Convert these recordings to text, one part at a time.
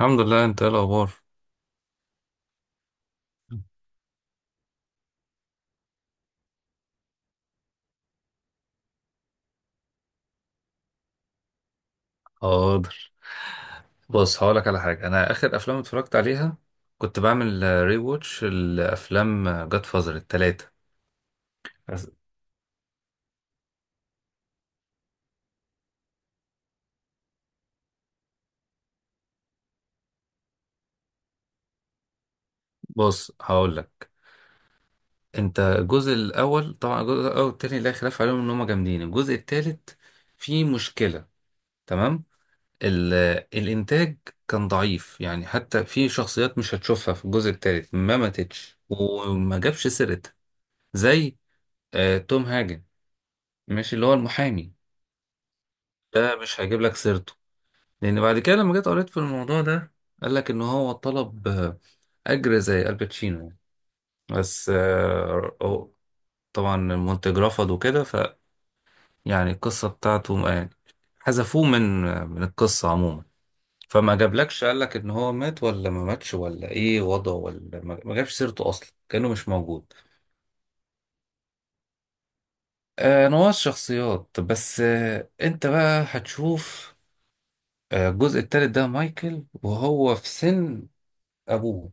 الحمد لله، انت ايه الاخبار؟ حاضر. بص، هقولك على حاجة. أنا آخر أفلام اتفرجت عليها كنت بعمل ري ووتش الأفلام، جاد فازر التلاتة. بس- بص، هقولك. أنت الجزء الأول، طبعا الجزء الأول والتاني لا خلاف عليهم إن هما جامدين. الجزء التالت فيه مشكلة، تمام. ال الإنتاج كان ضعيف يعني، حتى في شخصيات مش هتشوفها في الجزء التالت ما ماتتش وما جابش سيرتها. زي، آه، توم هاجن، ماشي، اللي هو المحامي، ده مش هجيب لك سيرته. لان بعد كده لما جيت قريت في الموضوع ده قال لك ان هو طلب، اجر زي الباتشينو يعني. بس، هو طبعا المنتج رفض وكده. فيعني القصه بتاعته يعني حذفوه من القصه عموما. فما جابلكش، قال لك ان هو مات ولا ما ماتش ولا ايه وضعه، ولا ما جابش سيرته اصلا، كانه مش موجود. نواة شخصيات بس. انت بقى هتشوف. الجزء التالت ده مايكل وهو في سن ابوه،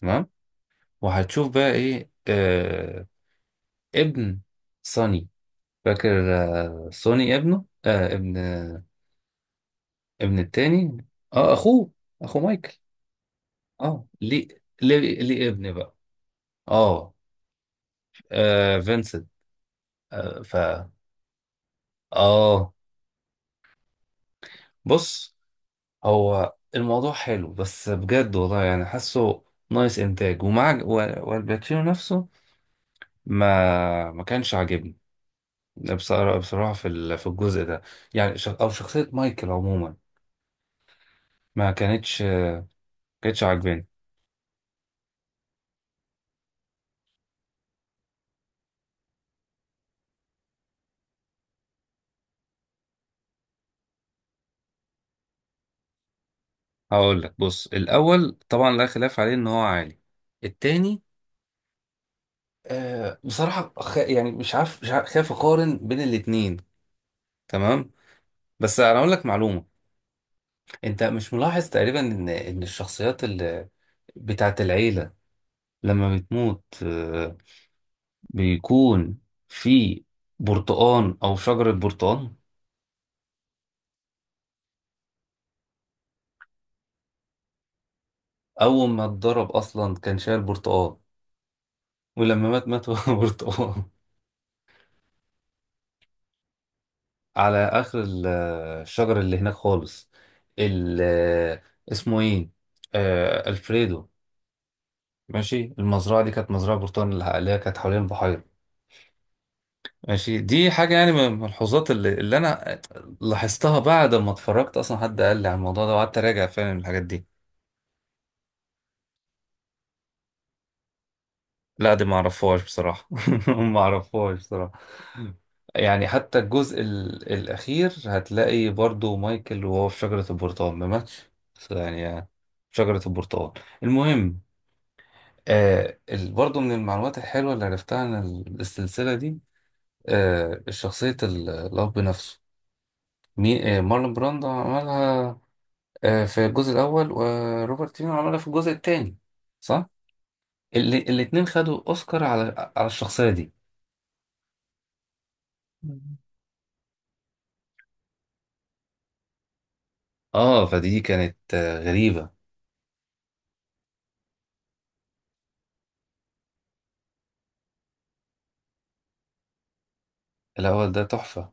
تمام، وهتشوف بقى ايه. آه، ابن صني، فاكر؟ آه، صوني، ابنه، آه، ابن، ابن التاني، اه اخوه، اخو مايكل. اه ليه، ليه ابن بقى. اه، آه فينسنت، آه ف اه. بص، هو الموضوع حلو بس بجد والله، يعني حاسه ناقص انتاج ومع والباتشينو نفسه ما كانش عاجبني بصراحة. بصراحة في في الجزء ده، يعني او شخصية مايكل عموما ما كانتش عاجباني. هقول لك، بص الاول طبعا لا خلاف عليه ان هو عالي. التاني، آه، بصراحه يعني مش عارف خايف اقارن بين الاتنين، تمام. بس انا اقول لك معلومه، انت مش ملاحظ تقريبا ان الشخصيات اللي بتاعت العيله لما بتموت، آه، بيكون في برتقان او شجره برتقان. اول ما اتضرب اصلا كان شايل برتقان، ولما مات مات وهو برتقان. على اخر الشجر اللي هناك خالص. ال اسمه ايه، آه الفريدو، ماشي. المزرعه دي كانت مزرعه برتقال اللي هي كانت حوالين البحيره، ماشي. دي حاجه يعني من الملحوظات اللي انا لاحظتها بعد ما اتفرجت. اصلا حد قال لي على الموضوع ده وقعدت اراجع فعلا الحاجات دي. لا دي ما اعرفهاش بصراحة. ما اعرفهاش بصراحة. يعني حتى الجزء الأخير هتلاقي برضو مايكل وهو في شجرة البرتقال، ما ماتش بس يعني شجرة البرتقال. المهم، آه، برضو من المعلومات الحلوة اللي عرفتها عن السلسلة دي. آه، شخصية الأب نفسه، مين؟ آه، مارلون براندو عملها، آه، في الجزء الأول، وروبرت دينيرو عملها في الجزء التاني، صح؟ اللي الاتنين خدوا أوسكار على الشخصية دي. اه فدي كانت، آه، غريبة. الأول ده تحفة.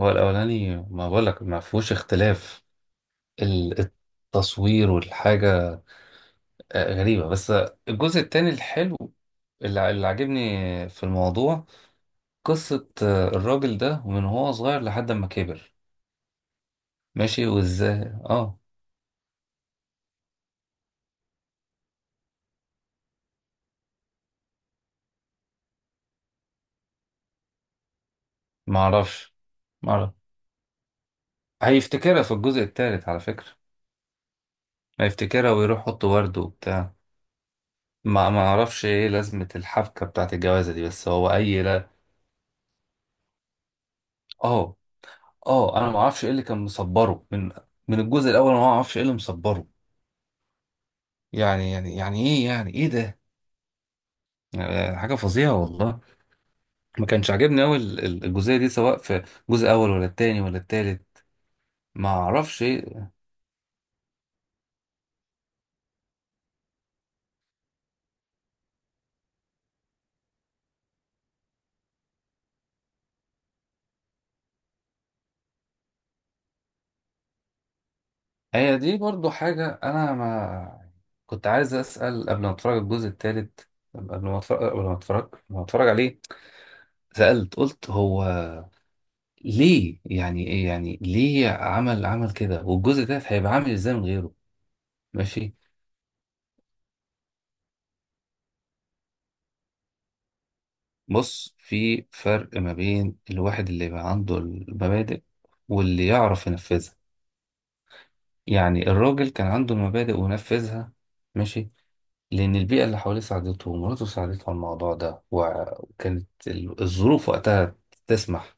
هو الأولاني، ما بقولك، ما فيهوش اختلاف، ال- التصوير والحاجة، آه، غريبة. بس الجزء التاني الحلو اللي اللي عاجبني في الموضوع قصة، آه، الراجل ده ومن هو صغير لحد ما كبر، ماشي وازاي. اه. معرفش، معرف هيفتكرها في الجزء التالت على فكرة، هيفتكرها ويروح يحط ورد وبتاع. ما اعرفش ايه لازمة الحبكة بتاعت الجوازة دي، بس هو اي لا. اه، اه انا ما اعرفش ايه اللي كان مصبره من الجزء الاول، انا ما اعرفش ايه اللي مصبره. يعني ايه، يعني ايه ده، يعني حاجه فظيعه والله. ما كانش عاجبني قوي الجزئيه دي سواء في الجزء الاول ولا التاني ولا التالت. ما اعرفش ايه. هي دي برضو حاجه انا ما كنت عايز اسال قبل ما اتفرج على الجزء التالت، قبل ما اتفرج عليه. سالت قلت، هو ليه؟ يعني ايه، يعني ليه عمل كده، والجزء ده هيبقى عامل ازاي من غيره؟ ماشي. بص، في فرق ما بين الواحد اللي يبقى عنده المبادئ واللي يعرف ينفذها. يعني الراجل كان عنده المبادئ ونفذها، ماشي، لأن البيئة اللي حواليه ساعدته ومراته ساعدته على الموضوع ده وكانت الظروف وقتها تسمح.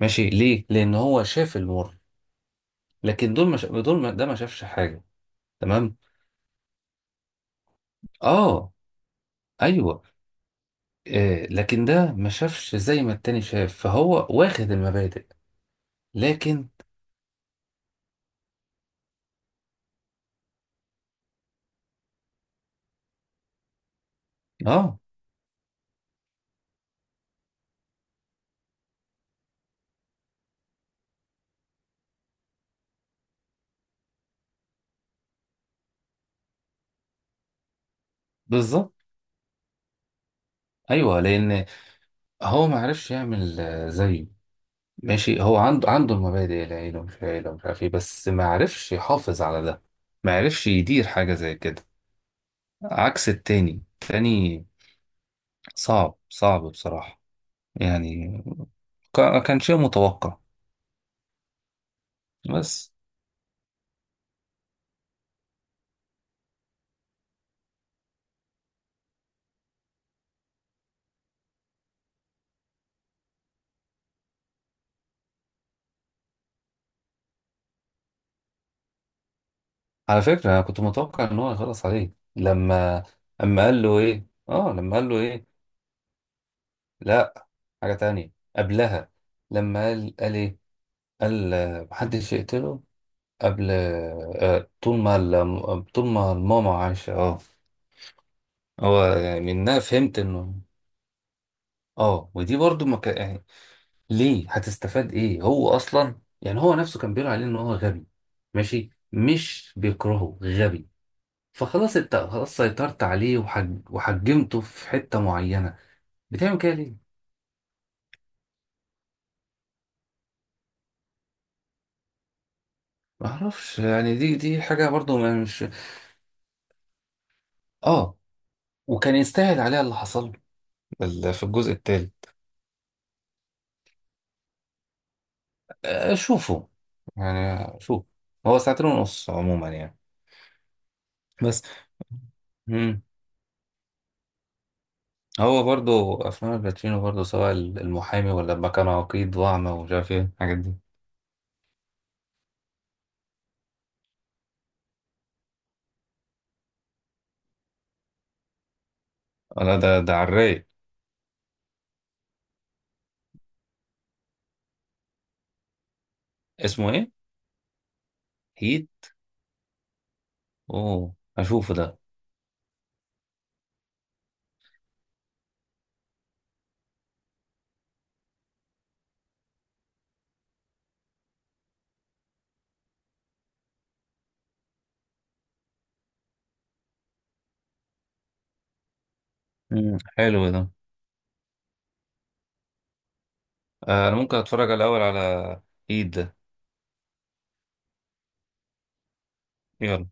ماشي، ليه؟ لأن هو شاف المر. لكن دول ما شا... دول ما... ده ما شافش حاجة، تمام؟ آه، أيوه، آه، لكن ده ما شافش زي ما التاني شاف، فهو واخد المبادئ. لكن آه، بالظبط، ايوه، لان هو ما عرفش يعمل، آه، زيه. ماشي، هو عنده المبادئ، العيله ومش عيله ومش عارف ايه، بس ما عرفش يحافظ على ده، ما عرفش يدير حاجه زي كده، عكس التاني. صعب صعب بصراحه يعني، كان شيء متوقع. بس على فكره انا كنت متوقع ان هو يخلص عليه لما اما قال له ايه اه لما قال له ايه. لا، حاجه تانية قبلها. لما قال ايه، قال، آه، محدش يقتله قبل، آه، طول ما الماما عايشة، اه. هو يعني منها فهمت انه، اه، ودي برضو يعني، ليه هتستفاد ايه، هو اصلا، يعني هو نفسه كان بيقول عليه ان هو غبي. ماشي، مش بيكرهه غبي. فخلاص، انت خلاص سيطرت عليه وحجمته في حتة معينة. بتعمل كده ليه؟ معرفش، يعني دي حاجة برضو مش. اه، وكان يستاهل عليها اللي حصل له في الجزء التالت. آه، شوفوا، يعني شوف، هو ساعتين ونص عموما يعني، بس. مم. هو برضو افلام الباتشينو برضو، سواء المحامي، ولا لما كان عقيد واعمى ومش عارف ايه الحاجات دي، ولا ده على الرايق. اسمه ايه، هيت، اوه اشوفه ده. مم. حلو ده. آه، انا ممكن اتفرج الاول على هيت ده. يلا.